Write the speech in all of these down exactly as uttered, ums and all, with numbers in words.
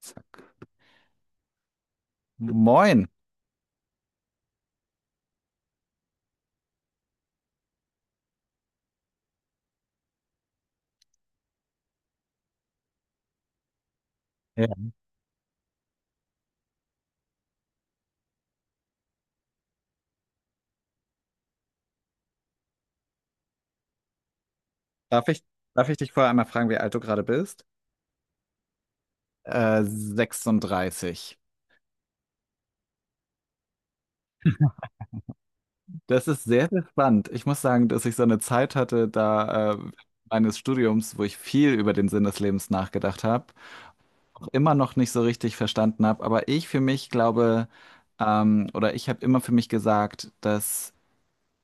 Zack. Moin. Ja. Darf ich, darf ich dich vorher einmal fragen, wie alt du gerade bist? Äh, sechsunddreißig. Das ist sehr, sehr spannend. Ich muss sagen, dass ich so eine Zeit hatte, da äh, meines Studiums, wo ich viel über den Sinn des Lebens nachgedacht habe, auch immer noch nicht so richtig verstanden habe. Aber ich für mich glaube, ähm, oder ich habe immer für mich gesagt, dass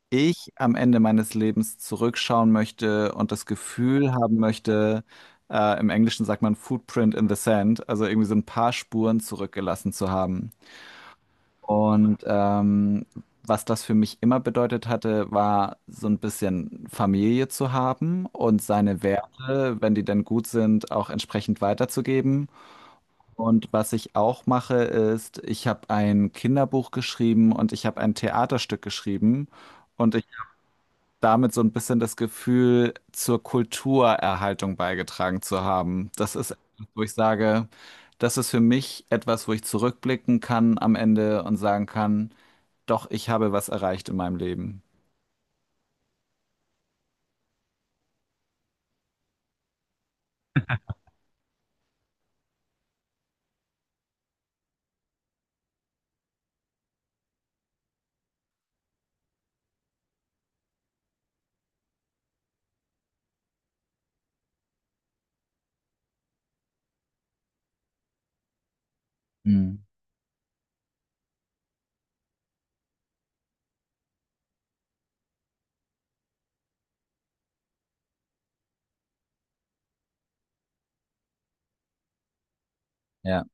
ich am Ende meines Lebens zurückschauen möchte und das Gefühl haben möchte, äh, im Englischen sagt man Footprint in the Sand, also irgendwie so ein paar Spuren zurückgelassen zu haben. Und ähm, was das für mich immer bedeutet hatte, war so ein bisschen Familie zu haben und seine Werte, wenn die denn gut sind, auch entsprechend weiterzugeben. Und was ich auch mache, ist, ich habe ein Kinderbuch geschrieben und ich habe ein Theaterstück geschrieben. Und damit so ein bisschen das Gefühl zur Kulturerhaltung beigetragen zu haben. Das ist etwas, wo ich sage, das ist für mich etwas, wo ich zurückblicken kann am Ende und sagen kann, doch, ich habe was erreicht in meinem Leben. Mhm. Ja.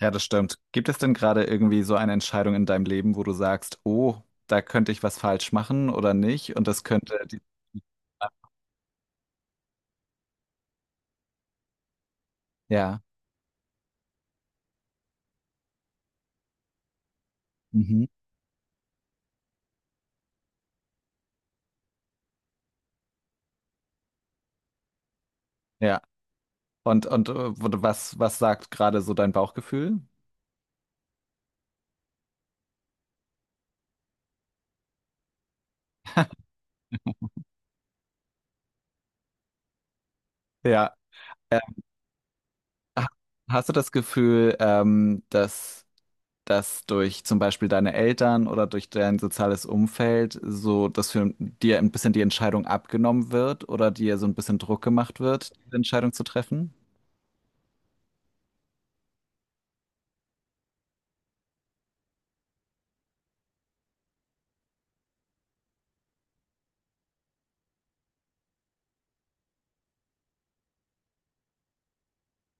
Ja, das stimmt. Gibt es denn gerade irgendwie so eine Entscheidung in deinem Leben, wo du sagst, oh, da könnte ich was falsch machen oder nicht? Und das könnte die... Ja, Mhm. ja. Und, und äh, wo du- was, was sagt gerade so dein Bauchgefühl? Ja. Ha- Hast du das Gefühl, ähm, dass das durch zum Beispiel deine Eltern oder durch dein soziales Umfeld so, dass für dir ein bisschen die Entscheidung abgenommen wird oder dir so ein bisschen Druck gemacht wird, diese Entscheidung zu treffen?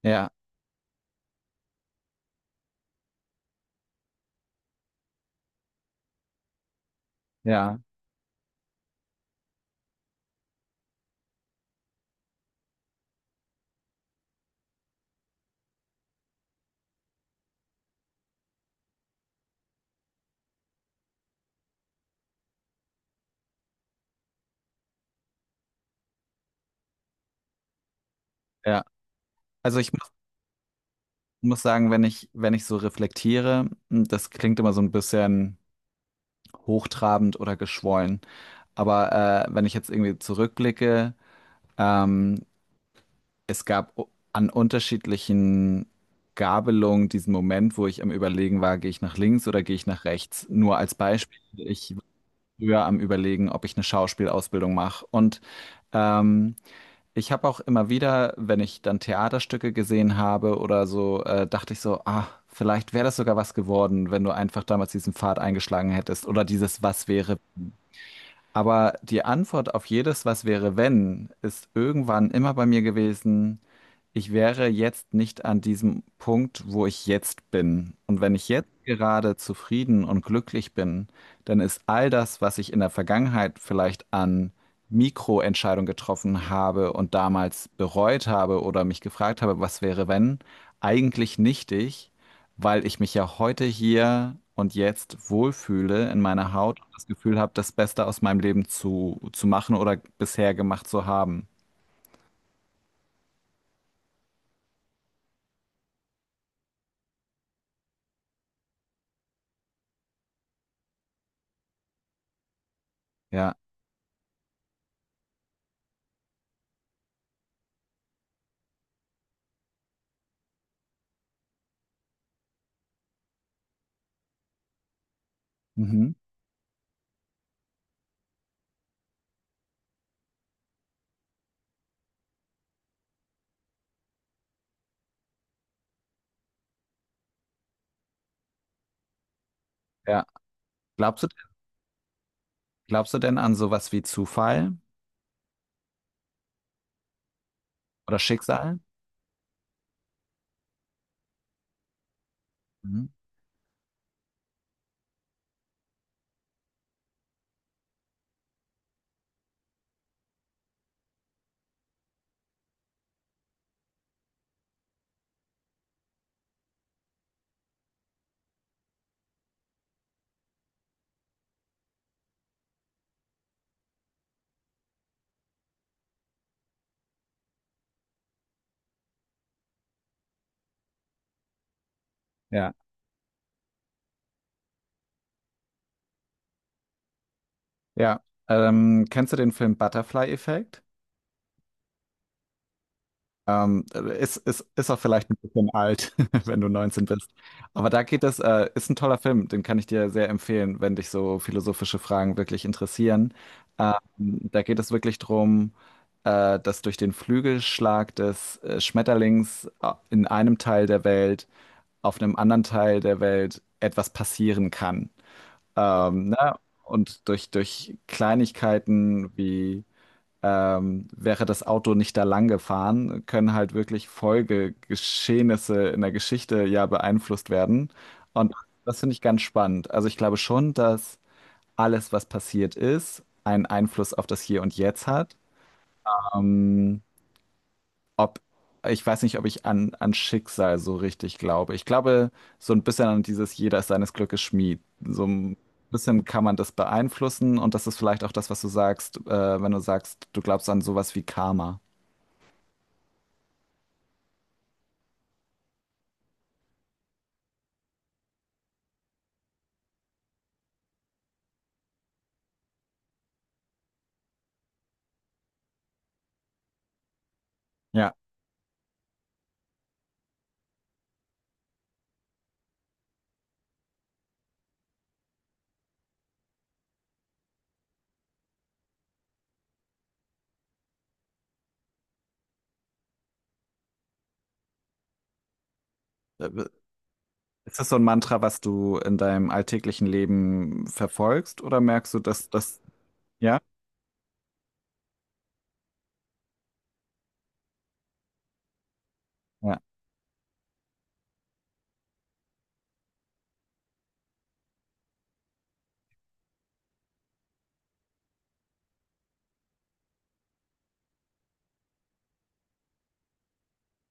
Ja, ja, ja. Also ich muss, muss sagen, wenn ich, wenn ich so reflektiere, m, das klingt immer so ein bisschen hochtrabend oder geschwollen. Aber äh, wenn ich jetzt irgendwie zurückblicke, ähm, es gab u- an unterschiedlichen Gabelungen diesen Moment, wo ich am Überlegen war, gehe ich nach links oder gehe ich nach rechts. Nur als Beispiel, ich war früher am Überlegen, ob ich eine Schauspielausbildung mache. Und ähm, ich habe auch immer wieder, wenn ich dann Theaterstücke gesehen habe oder so, äh, dachte ich so, ah, vielleicht wäre das sogar was geworden, wenn du einfach damals diesen Pfad eingeschlagen hättest oder dieses Was wäre. Aber die Antwort auf jedes Was wäre wenn ist irgendwann immer bei mir gewesen, ich wäre jetzt nicht an diesem Punkt, wo ich jetzt bin. Und wenn ich jetzt gerade zufrieden und glücklich bin, dann ist all das, was ich in der Vergangenheit vielleicht an Mikroentscheidungen getroffen habe und damals bereut habe oder mich gefragt habe, was wäre wenn, eigentlich nichtig, weil ich mich ja heute hier und jetzt wohlfühle in meiner Haut und das Gefühl habe, das Beste aus meinem Leben zu, zu machen oder bisher gemacht zu haben. Ja. Mhm. Ja. Glaubst du, glaubst du denn an sowas wie Zufall oder Schicksal? Mhm. Ja. Ja. Ähm, kennst du den Film Butterfly-Effekt? Ähm, ist, ist, ist auch vielleicht ein bisschen alt, wenn du neunzehn bist. Aber da geht es, äh, ist ein toller Film, den kann ich dir sehr empfehlen, wenn dich so philosophische Fragen wirklich interessieren. Ähm, da geht es wirklich drum, äh, dass durch den Flügelschlag des äh, Schmetterlings äh, in einem Teil der Welt, auf einem anderen Teil der Welt etwas passieren kann. Ähm, ne? Und durch, durch Kleinigkeiten wie ähm, wäre das Auto nicht da lang gefahren, können halt wirklich Folgegeschehnisse in der Geschichte ja beeinflusst werden. Und das finde ich ganz spannend. Also ich glaube schon, dass alles, was passiert ist, einen Einfluss auf das Hier und Jetzt hat. Ähm, ob, ich weiß nicht, ob ich an, an Schicksal so richtig glaube. Ich glaube so ein bisschen an dieses Jeder ist seines Glückes Schmied. So ein bisschen kann man das beeinflussen und das ist vielleicht auch das, was du sagst, äh, wenn du sagst, du glaubst an sowas wie Karma. Ja. Ist das so ein Mantra, was du in deinem alltäglichen Leben verfolgst oder merkst du, dass das, ja? Ja,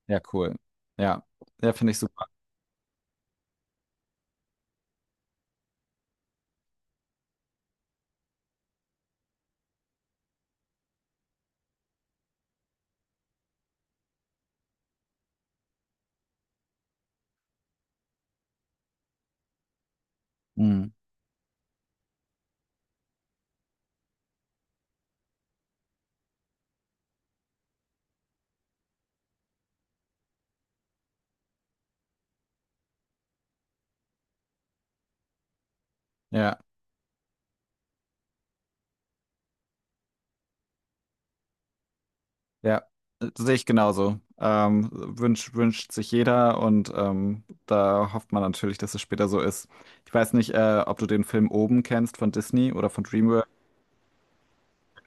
ja, cool. Ja, ja, finde ich super. Mhm. Ja, ja, das sehe ich genauso. Ähm, wünscht, wünscht sich jeder und ähm, da hofft man natürlich, dass es später so ist. Ich weiß nicht, äh, ob du den Film Oben kennst von Disney oder von DreamWorks.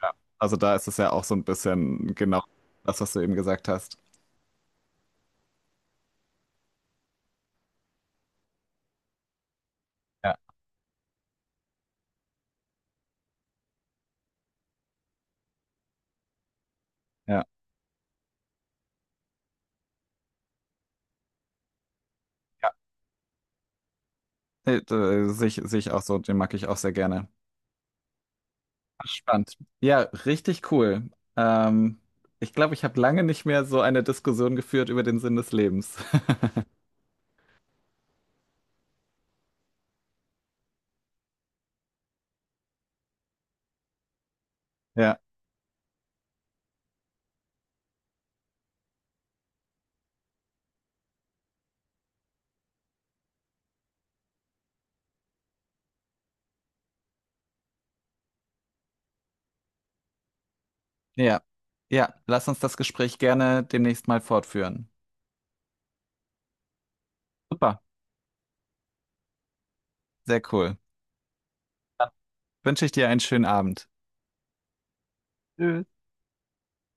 Ja. Also da ist es ja auch so ein bisschen genau das, was du eben gesagt hast. Ja, ja, ja. Nee, da äh, Sehe ich, sehe ich auch so, den mag ich auch sehr gerne. Ach, spannend. Ja, richtig cool. Ähm, ich glaube, ich habe lange nicht mehr so eine Diskussion geführt über den Sinn des Lebens. Ja, ja, ja. Lass uns das Gespräch gerne demnächst mal fortführen. Super, sehr cool. Dann wünsche ich dir einen schönen Abend. Tschüss.